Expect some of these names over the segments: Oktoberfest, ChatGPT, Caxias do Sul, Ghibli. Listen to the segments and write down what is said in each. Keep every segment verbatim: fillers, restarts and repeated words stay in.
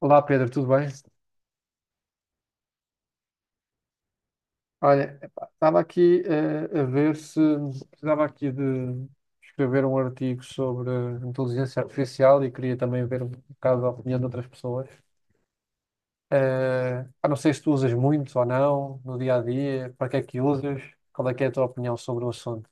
Olá Pedro, tudo bem? Olha, epá, estava aqui eh, a ver se precisava aqui de escrever um artigo sobre inteligência artificial e queria também ver um bocado a opinião de outras pessoas. Eh, ah, não sei se tu usas muito ou não no dia a dia, para que é que usas, qual é que é a tua opinião sobre o assunto?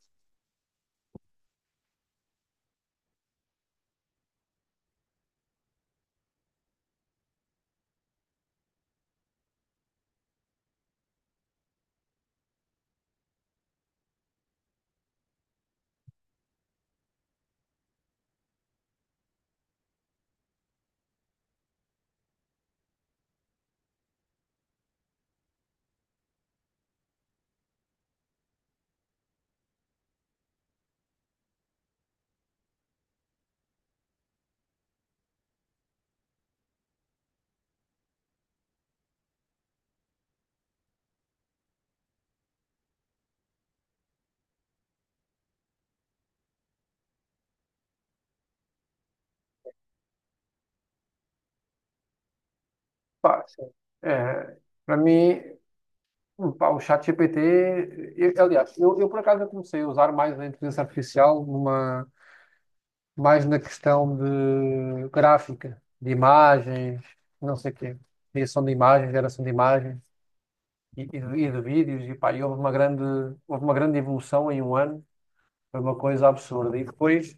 Pá, sim. Eh, Para mim, pá, o ChatGPT, eu- aliás, eu, eu por acaso eu comecei a usar mais a inteligência artificial numa mais na questão de gráfica, de imagens, não sei o quê, criação de imagens, geração de imagens e, e de, e de vídeos, e pá, e houve uma grande, houve uma grande evolução em um ano, foi uma coisa absurda. E depois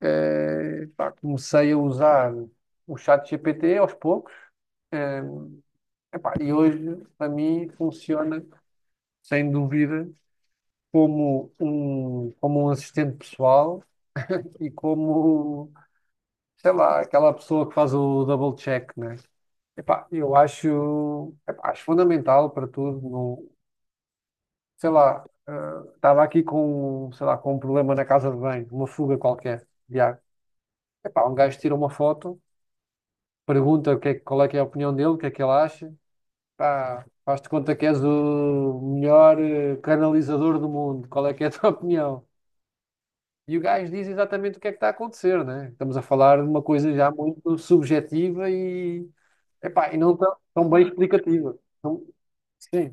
eh, pá, comecei a usar o chat G P T aos poucos, eh, epá, e hoje para mim funciona sem dúvida como um, como um assistente pessoal e como sei lá, aquela pessoa que faz o double check, né? Epá, eu acho, epá, acho fundamental para tudo. Não, sei lá, ah, estava aqui com, sei lá, com um problema na casa de banho, uma fuga qualquer de água. Epá, um gajo tira uma foto, pergunta o que é, qual é que é a opinião dele, o que é que ele acha. Pá, faz-te conta que és o melhor eh, canalizador do mundo. Qual é que é a tua opinião? E o gajo diz exatamente o que é que está a acontecer, né? Estamos a falar de uma coisa já muito subjetiva e, epá, e não tão, tão bem explicativa. Então, sim.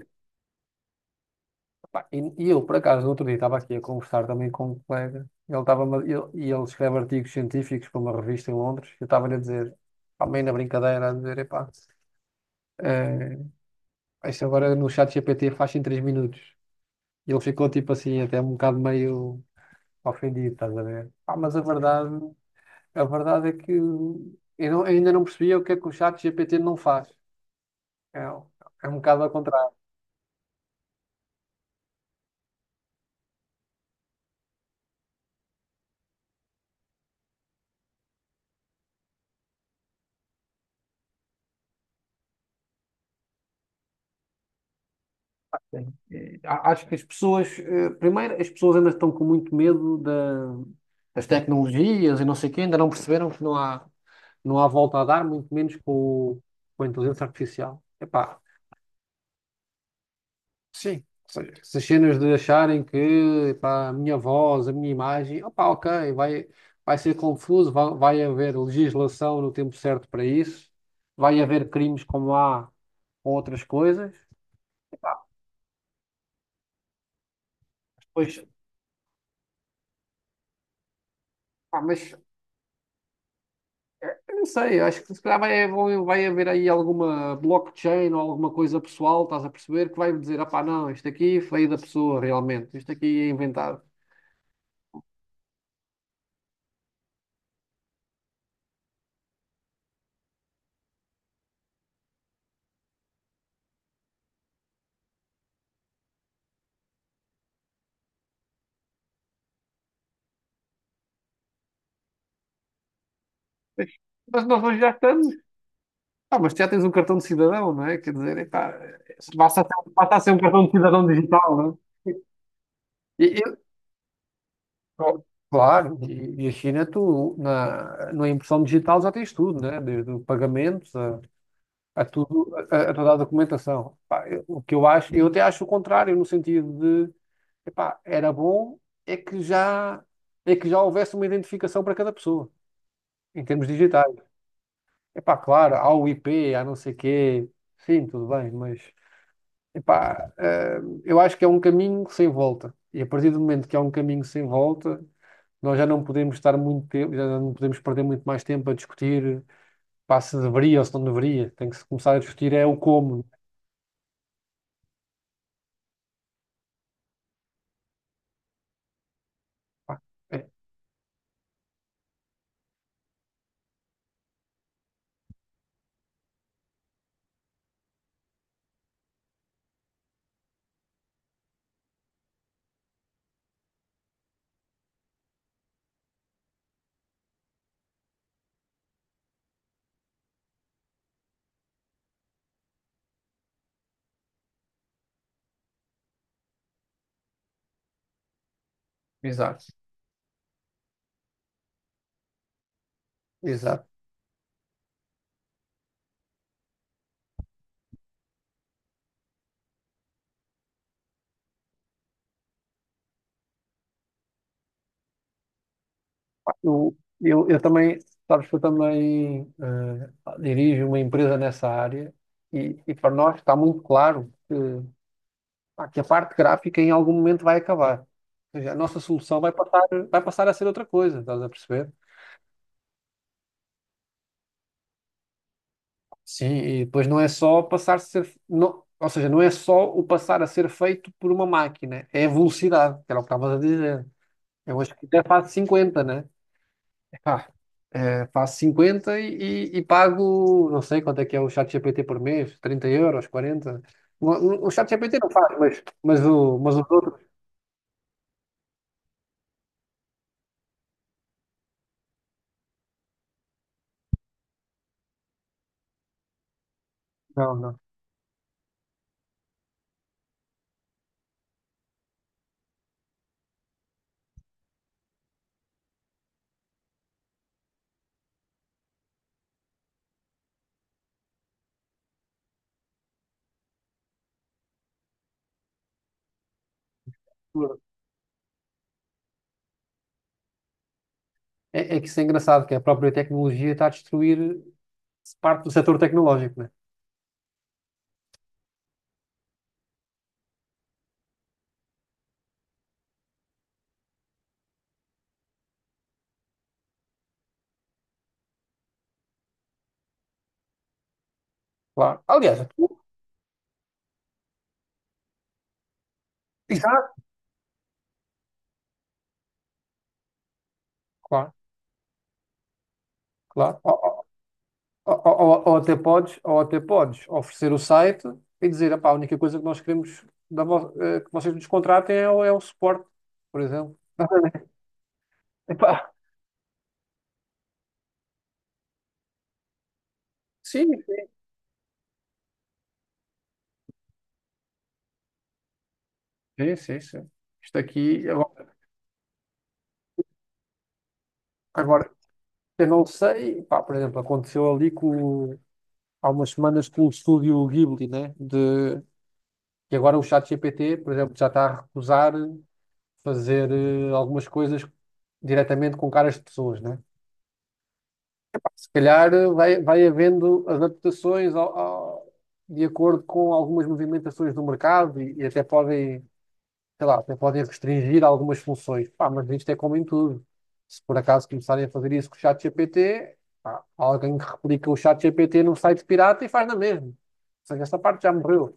Epá, e, e eu, por acaso, no outro dia estava aqui a conversar também com um colega, ele estava ele, e ele escreve artigos científicos para uma revista em Londres, eu estava-lhe a dizer, pá, meio na brincadeira, a dizer, epá, eh, isso agora no chat G P T faz em três minutos. E ele ficou tipo assim, até um bocado meio ofendido, estás a ver? Pá, mas a verdade. A verdade é que eu não- ainda não percebia o que é que o chat G P T não faz. É, é um bocado ao contrário. Sim. Eh, a- Acho que as pessoas, eh, primeiro, as pessoas ainda estão com muito medo da, das tecnologias e não sei o quê, ainda não perceberam que não há, não há volta a dar, muito menos com, o- com a inteligência artificial. Epá, sim, ou seja, essas cenas de acharem que pá, a minha voz, a minha imagem, opá, ok, vai, vai ser confuso, vai, vai haver legislação no tempo certo para isso, vai haver crimes como há com outras coisas. Pois, pá, mas eu não sei, acho que se calhar vai, vão- vai haver aí alguma blockchain ou alguma coisa pessoal, estás a perceber, que vai dizer, opá, não, isto aqui foi da pessoa realmente, isto aqui é inventado. Mas mas nós hoje já estamos. Ah, mas tu já tens um cartão de cidadão, não é? Quer dizer, epá, basta ser, basta ser um cartão de cidadão digital, não é? E- e- Oh, claro, e e a China, tu na, na impressão digital já tens tudo, né? Desde o pagamento a, a tudo, a, a toda a documentação. Pá, eu- o que eu acho, eu até acho o contrário, no sentido de, epá, era bom é que já, é que já houvesse uma identificação para cada pessoa, em termos digitais. Epá, claro, há o I P, há não sei quê, sim, tudo bem, mas. Epá, eh, eu acho que é um caminho sem volta. E a partir do momento que é um caminho sem volta, nós já não podemos estar muito tempo, já não podemos perder muito mais tempo a discutir, pá, se deveria ou se não deveria. Tem que se começar a discutir é o como. Pá, é, Exato. exato. Pá, Eu, eu, eu também, sabes que eu também eh, dirijo uma empresa nessa área e, e para nós está muito claro pá, que a parte gráfica em algum momento vai acabar. Ou seja, a nossa solução vai passar, vai passar a ser outra coisa, estás a perceber? Sim, e depois não é só passar a ser, não, ou seja, não é só o passar a ser feito por uma máquina, é a velocidade, que era o que estavas a dizer. Eu hoje até faço cinquenta, né? Epá, eh, faço cinquenta e, e- e pago, não sei quanto é que é o ChatGPT por mês, trinta euros, quarenta. O, o, o ChatGPT não faz, mas, mas, o, mas os outros, não, não. É, é que isso é engraçado, que a própria tecnologia está a destruir parte do setor tecnológico, né? Claro. Aliás, tu, já, claro, claro. Ou, ou- ou- ou até podes, ou até podes oferecer o site e dizer, "Epá, a única coisa que nós queremos da vo- eh, que vocês nos contratem é, o é o suporte, por exemplo. Epá, sim, sim, sim, sim, sim. Isto aqui, agora, agora, eu não sei, pá, por exemplo, aconteceu ali com, o- há umas semanas com o estúdio Ghibli, né? de E agora o chat G P T, por exemplo, já está a recusar fazer eh, algumas coisas diretamente com caras de pessoas, né? Se calhar eh, vai, vai havendo adaptações ao- ao- de acordo com algumas movimentações do mercado e, e até podem, sei lá, até podem restringir algumas funções. Pá, mas isto é como em tudo. Se por acaso começarem a fazer isso com o chat G P T, pá, alguém que replica o chat G P T num site pirata e faz na mesma. Ou seja, esta parte já morreu,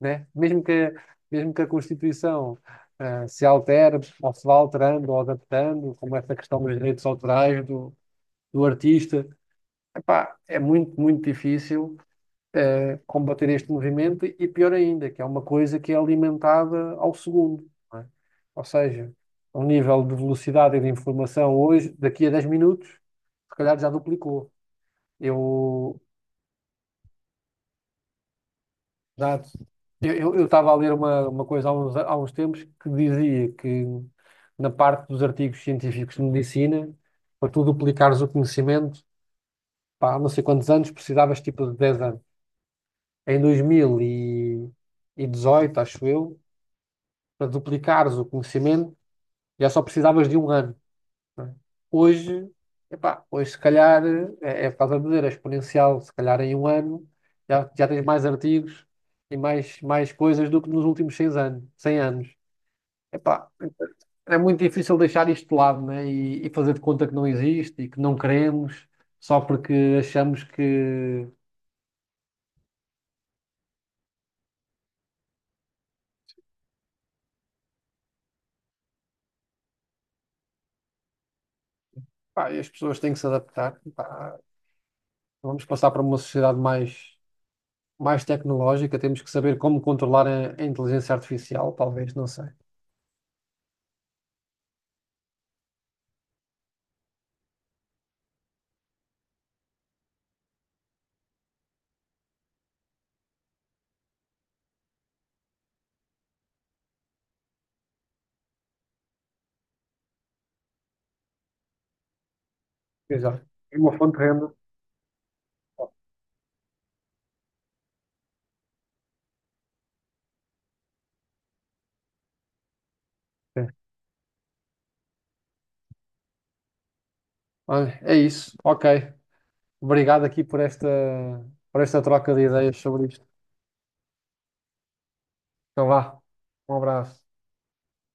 né? Mesmo que, mesmo que a Constituição eh, se altere, ou se vá alterando ou adaptando, como essa questão dos direitos autorais do, do artista, epá, é muito, muito difícil eh, combater este movimento e pior ainda, que é uma coisa que é alimentada ao segundo, não é? Ou seja, o nível de velocidade e de informação hoje, daqui a dez minutos, se calhar já duplicou. Eu, Exato. Eu, eu, estava a ler uma, uma coisa há uns, há uns tempos que dizia que na parte dos artigos científicos de medicina, para tu duplicares o conhecimento, pá, há não sei quantos anos, precisavas tipo de dez anos. Em dois mil e dezoito acho eu, para duplicares o conhecimento, já só precisavas de um ano, não é? Hoje, epá, hoje se calhar, é, é por causa de dizer, é exponencial, se calhar em um ano já, já tens mais artigos e mais, mais coisas do que nos últimos cem anos, cem anos. Epá, é muito difícil deixar isto de lado, né? E, e fazer de conta que não existe e que não queremos só porque achamos que pá, as pessoas têm que se adaptar. Pá, vamos passar para uma sociedade mais, mais tecnológica, temos que saber como controlar a, a inteligência artificial, talvez, não sei. Exato. E uma fonte de renda. Sim. Olha, é isso. Ok. Obrigado aqui por esta, por esta troca de ideias sobre isto. Então vá. Um abraço.